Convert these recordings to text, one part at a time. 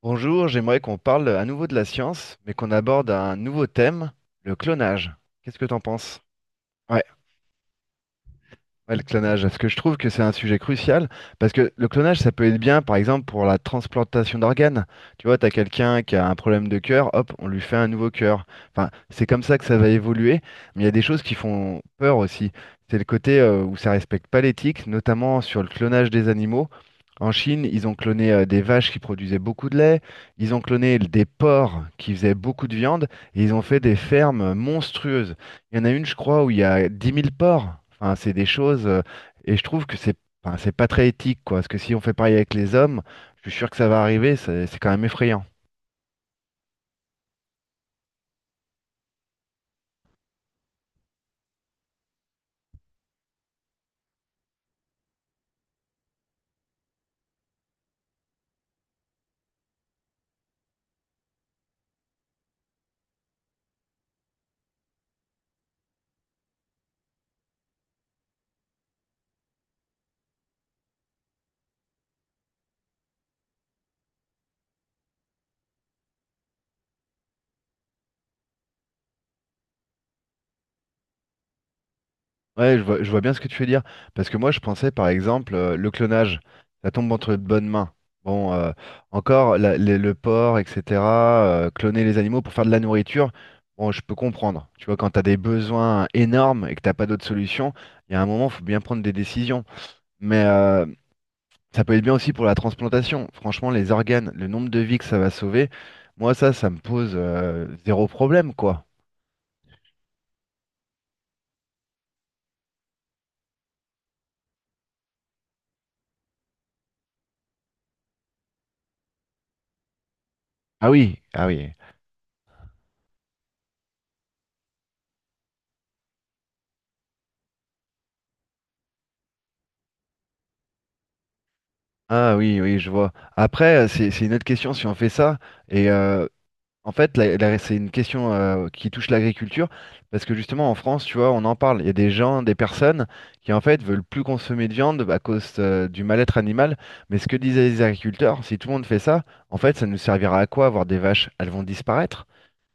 Bonjour, j'aimerais qu'on parle à nouveau de la science, mais qu'on aborde un nouveau thème, le clonage. Qu'est-ce que t'en penses? Ouais, le clonage, parce que je trouve que c'est un sujet crucial, parce que le clonage, ça peut être bien, par exemple, pour la transplantation d'organes. Tu vois, tu as quelqu'un qui a un problème de cœur, hop, on lui fait un nouveau cœur. Enfin, c'est comme ça que ça va évoluer, mais il y a des choses qui font peur aussi. C'est le côté où ça respecte pas l'éthique, notamment sur le clonage des animaux. En Chine, ils ont cloné des vaches qui produisaient beaucoup de lait, ils ont cloné des porcs qui faisaient beaucoup de viande, et ils ont fait des fermes monstrueuses. Il y en a une, je crois, où il y a 10 000 porcs. Enfin, c'est des choses, et je trouve que c'est, enfin, c'est pas très éthique, quoi. Parce que si on fait pareil avec les hommes, je suis sûr que ça va arriver. C'est quand même effrayant. Ouais, je vois bien ce que tu veux dire. Parce que moi, je pensais, par exemple, le clonage. Ça tombe entre de bonnes mains. Bon, encore, le porc, etc. Cloner les animaux pour faire de la nourriture. Bon, je peux comprendre. Tu vois, quand tu as des besoins énormes et que t'as pas d'autre solution, il y a un moment, faut bien prendre des décisions. Mais, ça peut être bien aussi pour la transplantation. Franchement, les organes, le nombre de vies que ça va sauver, moi, ça me pose zéro problème, quoi. Ah oui, ah oui. Ah oui, oui, je vois. Après, c'est une autre question si on fait ça. Et en fait, c'est une question qui touche l'agriculture. Parce que justement, en France, tu vois, on en parle. Il y a des gens, des personnes qui, en fait, veulent plus consommer de viande à cause du mal-être animal. Mais ce que disaient les agriculteurs, si tout le monde fait ça, en fait, ça nous servira à quoi avoir des vaches? Elles vont disparaître.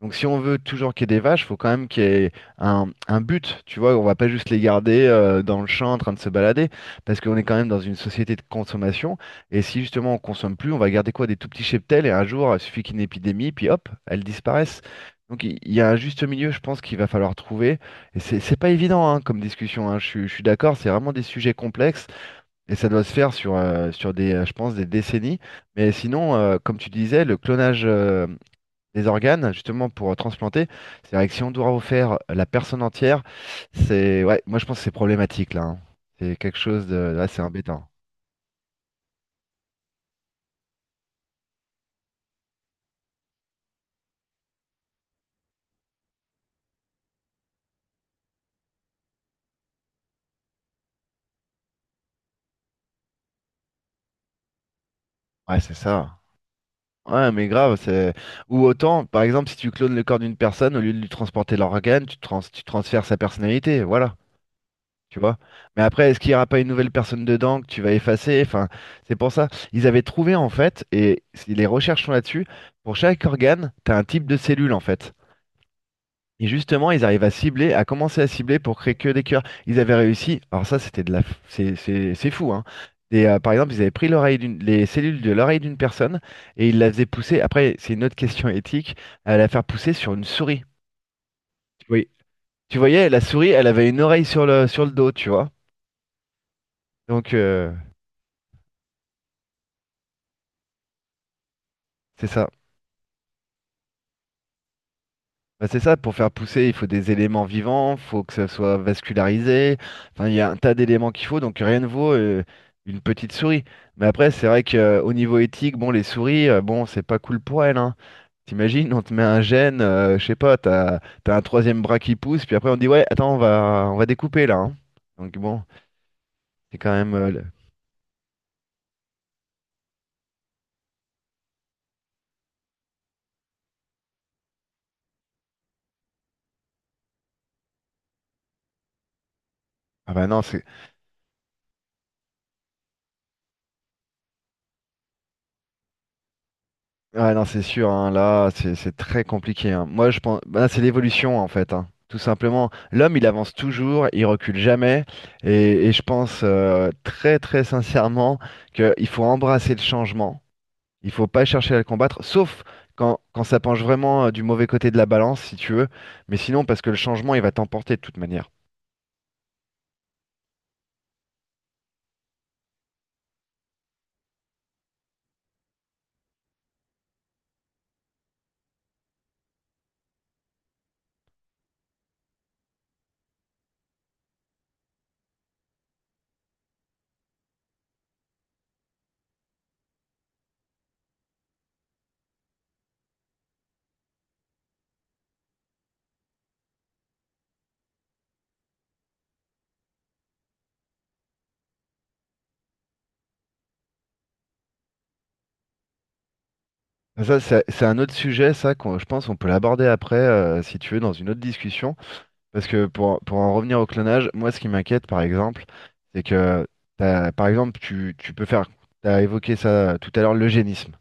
Donc si on veut toujours qu'il y ait des vaches, il faut quand même qu'il y ait un but, tu vois, on va pas juste les garder dans le champ en train de se balader, parce qu'on est quand même dans une société de consommation, et si justement on consomme plus, on va garder quoi? Des tout petits cheptels, et un jour, il suffit qu'il y ait une épidémie, puis hop, elles disparaissent. Donc il y a un juste milieu, je pense, qu'il va falloir trouver, et c'est pas évident, hein, comme discussion, hein. Je suis d'accord, c'est vraiment des sujets complexes, et ça doit se faire sur des, je pense, des décennies, mais sinon, comme tu disais, le clonage, des organes, justement, pour transplanter. C'est vrai que si on doit refaire la personne entière, c'est. Ouais, moi, je pense que c'est problématique, là, hein. C'est quelque chose de. Là, c'est embêtant. Ouais, c'est ça. Ouais, mais grave, c'est. Ou autant, par exemple, si tu clones le corps d'une personne, au lieu de lui transporter l'organe, tu transfères sa personnalité, voilà. Tu vois? Mais après, est-ce qu'il n'y aura pas une nouvelle personne dedans que tu vas effacer? Enfin, c'est pour ça. Ils avaient trouvé, en fait, et si les recherches sont là-dessus, pour chaque organe, tu as un type de cellule, en fait. Et justement, ils arrivent à cibler, à commencer à cibler pour créer que des cœurs. Ils avaient réussi. Alors ça, c'était de la, f- c'est fou, hein. Par exemple, ils avaient pris les cellules de l'oreille d'une personne et ils la faisaient pousser. Après, c'est une autre question éthique, à la faire pousser sur une souris. Oui. Tu voyais, la souris, elle avait une oreille sur le dos, tu vois. Donc c'est ça. Bah, c'est ça, pour faire pousser, il faut des éléments vivants, il faut que ça soit vascularisé. Enfin, il y a un tas d'éléments qu'il faut, donc rien ne vaut une petite souris. Mais après, c'est vrai qu'au niveau éthique, bon, les souris, bon, c'est pas cool pour elles, hein. T'imagines, on te met un gène, je sais pas, t'as un troisième bras qui pousse, puis après on dit ouais, attends, on va découper là, hein. Donc bon, c'est quand même. Ah, bah, non, c'est. Ouais, non, c'est sûr, hein, là, c'est très compliqué, hein. Moi, je pense, bah, c'est l'évolution, en fait, hein, tout simplement. L'homme, il avance toujours, il recule jamais, et je pense très, très sincèrement qu'il faut embrasser le changement. Il faut pas chercher à le combattre, sauf quand ça penche vraiment du mauvais côté de la balance, si tu veux. Mais sinon, parce que le changement, il va t'emporter de toute manière. Ça, c'est un autre sujet, ça, je pense qu'on peut l'aborder après, si tu veux, dans une autre discussion. Parce que pour en revenir au clonage, moi ce qui m'inquiète par exemple, c'est que par exemple tu peux faire, tu as évoqué ça tout à l'heure, l'eugénisme.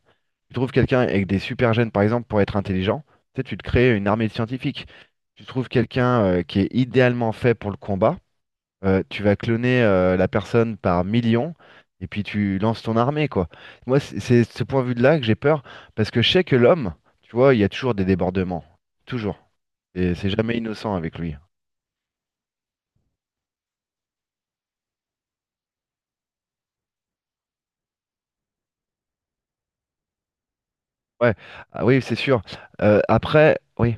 Tu trouves quelqu'un avec des super gènes par exemple pour être intelligent, tu sais, tu te crées une armée de scientifiques. Tu trouves quelqu'un qui est idéalement fait pour le combat, tu vas cloner la personne par millions et puis tu lances ton armée quoi. Moi c'est ce point de vue-là que j'ai peur parce que je sais que l'homme, tu vois, il y a toujours des débordements. Toujours. Et c'est jamais innocent avec lui. Ouais, ah oui, c'est sûr. Après, oui,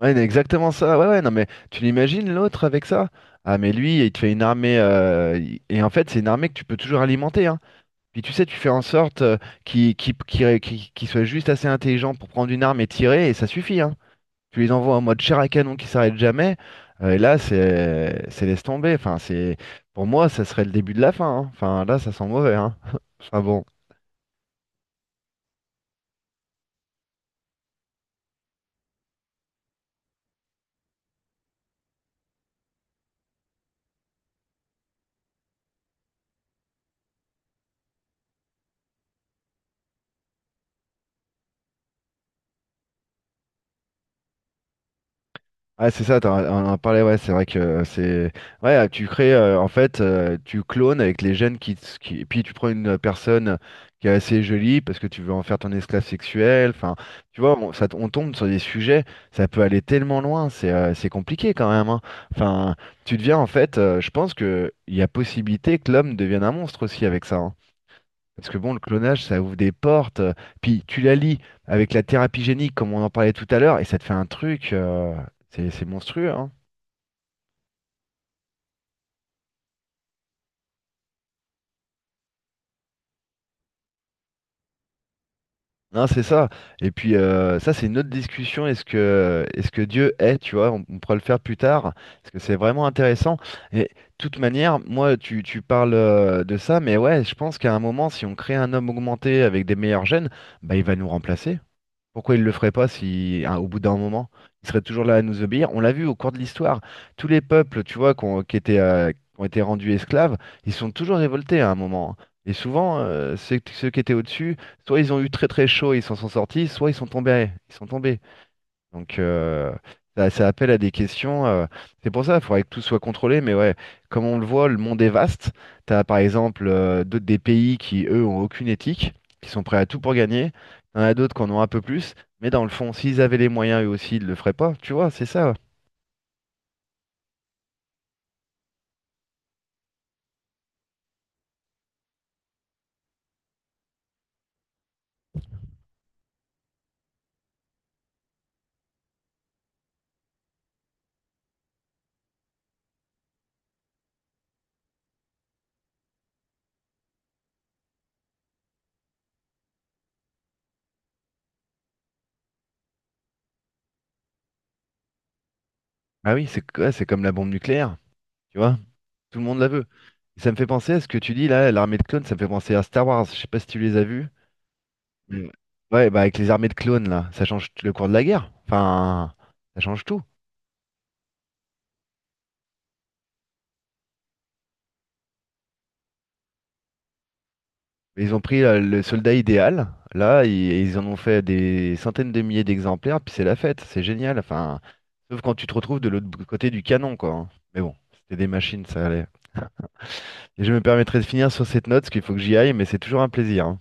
ouais, mais exactement ça. Ouais, ouais, non, mais tu l'imagines l'autre avec ça? Ah, mais lui, il te fait une armée. Et en fait, c'est une armée que tu peux toujours alimenter, hein. Puis tu sais, tu fais en sorte qu'il soit juste assez intelligent pour prendre une arme et tirer, et ça suffit, hein. Tu les envoies en mode chair à canon qui s'arrête jamais. Et là, c'est laisse tomber. Enfin, c'est pour moi, ça serait le début de la fin, hein. Enfin, là, ça sent mauvais, hein. Enfin, bon. Ah, c'est ça, t'en on en parlait, ouais, c'est vrai que c'est. Ouais, tu crées, en fait, tu clones avec les gènes qui. Puis tu prends une personne qui est assez jolie parce que tu veux en faire ton esclave sexuel. Enfin, tu vois, on tombe sur des sujets, ça peut aller tellement loin, c'est compliqué quand même, hein. Enfin, tu deviens, en fait, je pense que il y a possibilité que l'homme devienne un monstre aussi avec ça, hein. Parce que bon, le clonage, ça ouvre des portes. Puis tu la lis avec la thérapie génique, comme on en parlait tout à l'heure, et ça te fait un truc. C'est monstrueux, hein. Non, c'est ça. Et puis ça, c'est une autre discussion. Est-ce que Dieu est, tu vois, on pourra le faire plus tard, parce que c'est vraiment intéressant. Et de toute manière, moi, tu parles de ça, mais ouais, je pense qu'à un moment, si on crée un homme augmenté avec des meilleurs gènes, bah, il va nous remplacer. Pourquoi il le ferait pas si, hein, au bout d'un moment, il serait toujours là à nous obéir? On l'a vu au cours de l'histoire. Tous les peuples, tu vois, qui ont été rendus esclaves, ils sont toujours révoltés à un moment, hein. Et souvent, ceux qui étaient au-dessus, soit ils ont eu très très chaud et ils s'en sont sortis, soit ils sont tombés. Ils sont tombés. Donc, ça, ça appelle à des questions. C'est pour ça, il faudrait que tout soit contrôlé. Mais ouais, comme on le voit, le monde est vaste. Tu as par exemple d'autres des pays qui, eux, ont aucune éthique, qui sont prêts à tout pour gagner. Il y en a d'autres qui en ont un peu plus. Mais dans le fond, s'ils avaient les moyens, eux aussi, ils le feraient pas. Tu vois, c'est ça. Ah oui, c'est ouais, c'est comme la bombe nucléaire. Tu vois, tout le monde la veut. Ça me fait penser à ce que tu dis là, l'armée de clones, ça me fait penser à Star Wars. Je sais pas si tu les as vus. Mm. Ouais, bah avec les armées de clones là, ça change le cours de la guerre. Enfin, ça change tout. Mais ils ont pris le soldat idéal, là, et ils en ont fait des centaines de milliers d'exemplaires, puis c'est la fête, c'est génial. Enfin, sauf quand tu te retrouves de l'autre côté du canon, quoi, hein. Mais bon, c'était des machines, ça allait. Et je me permettrai de finir sur cette note, parce qu'il faut que j'y aille, mais c'est toujours un plaisir, hein.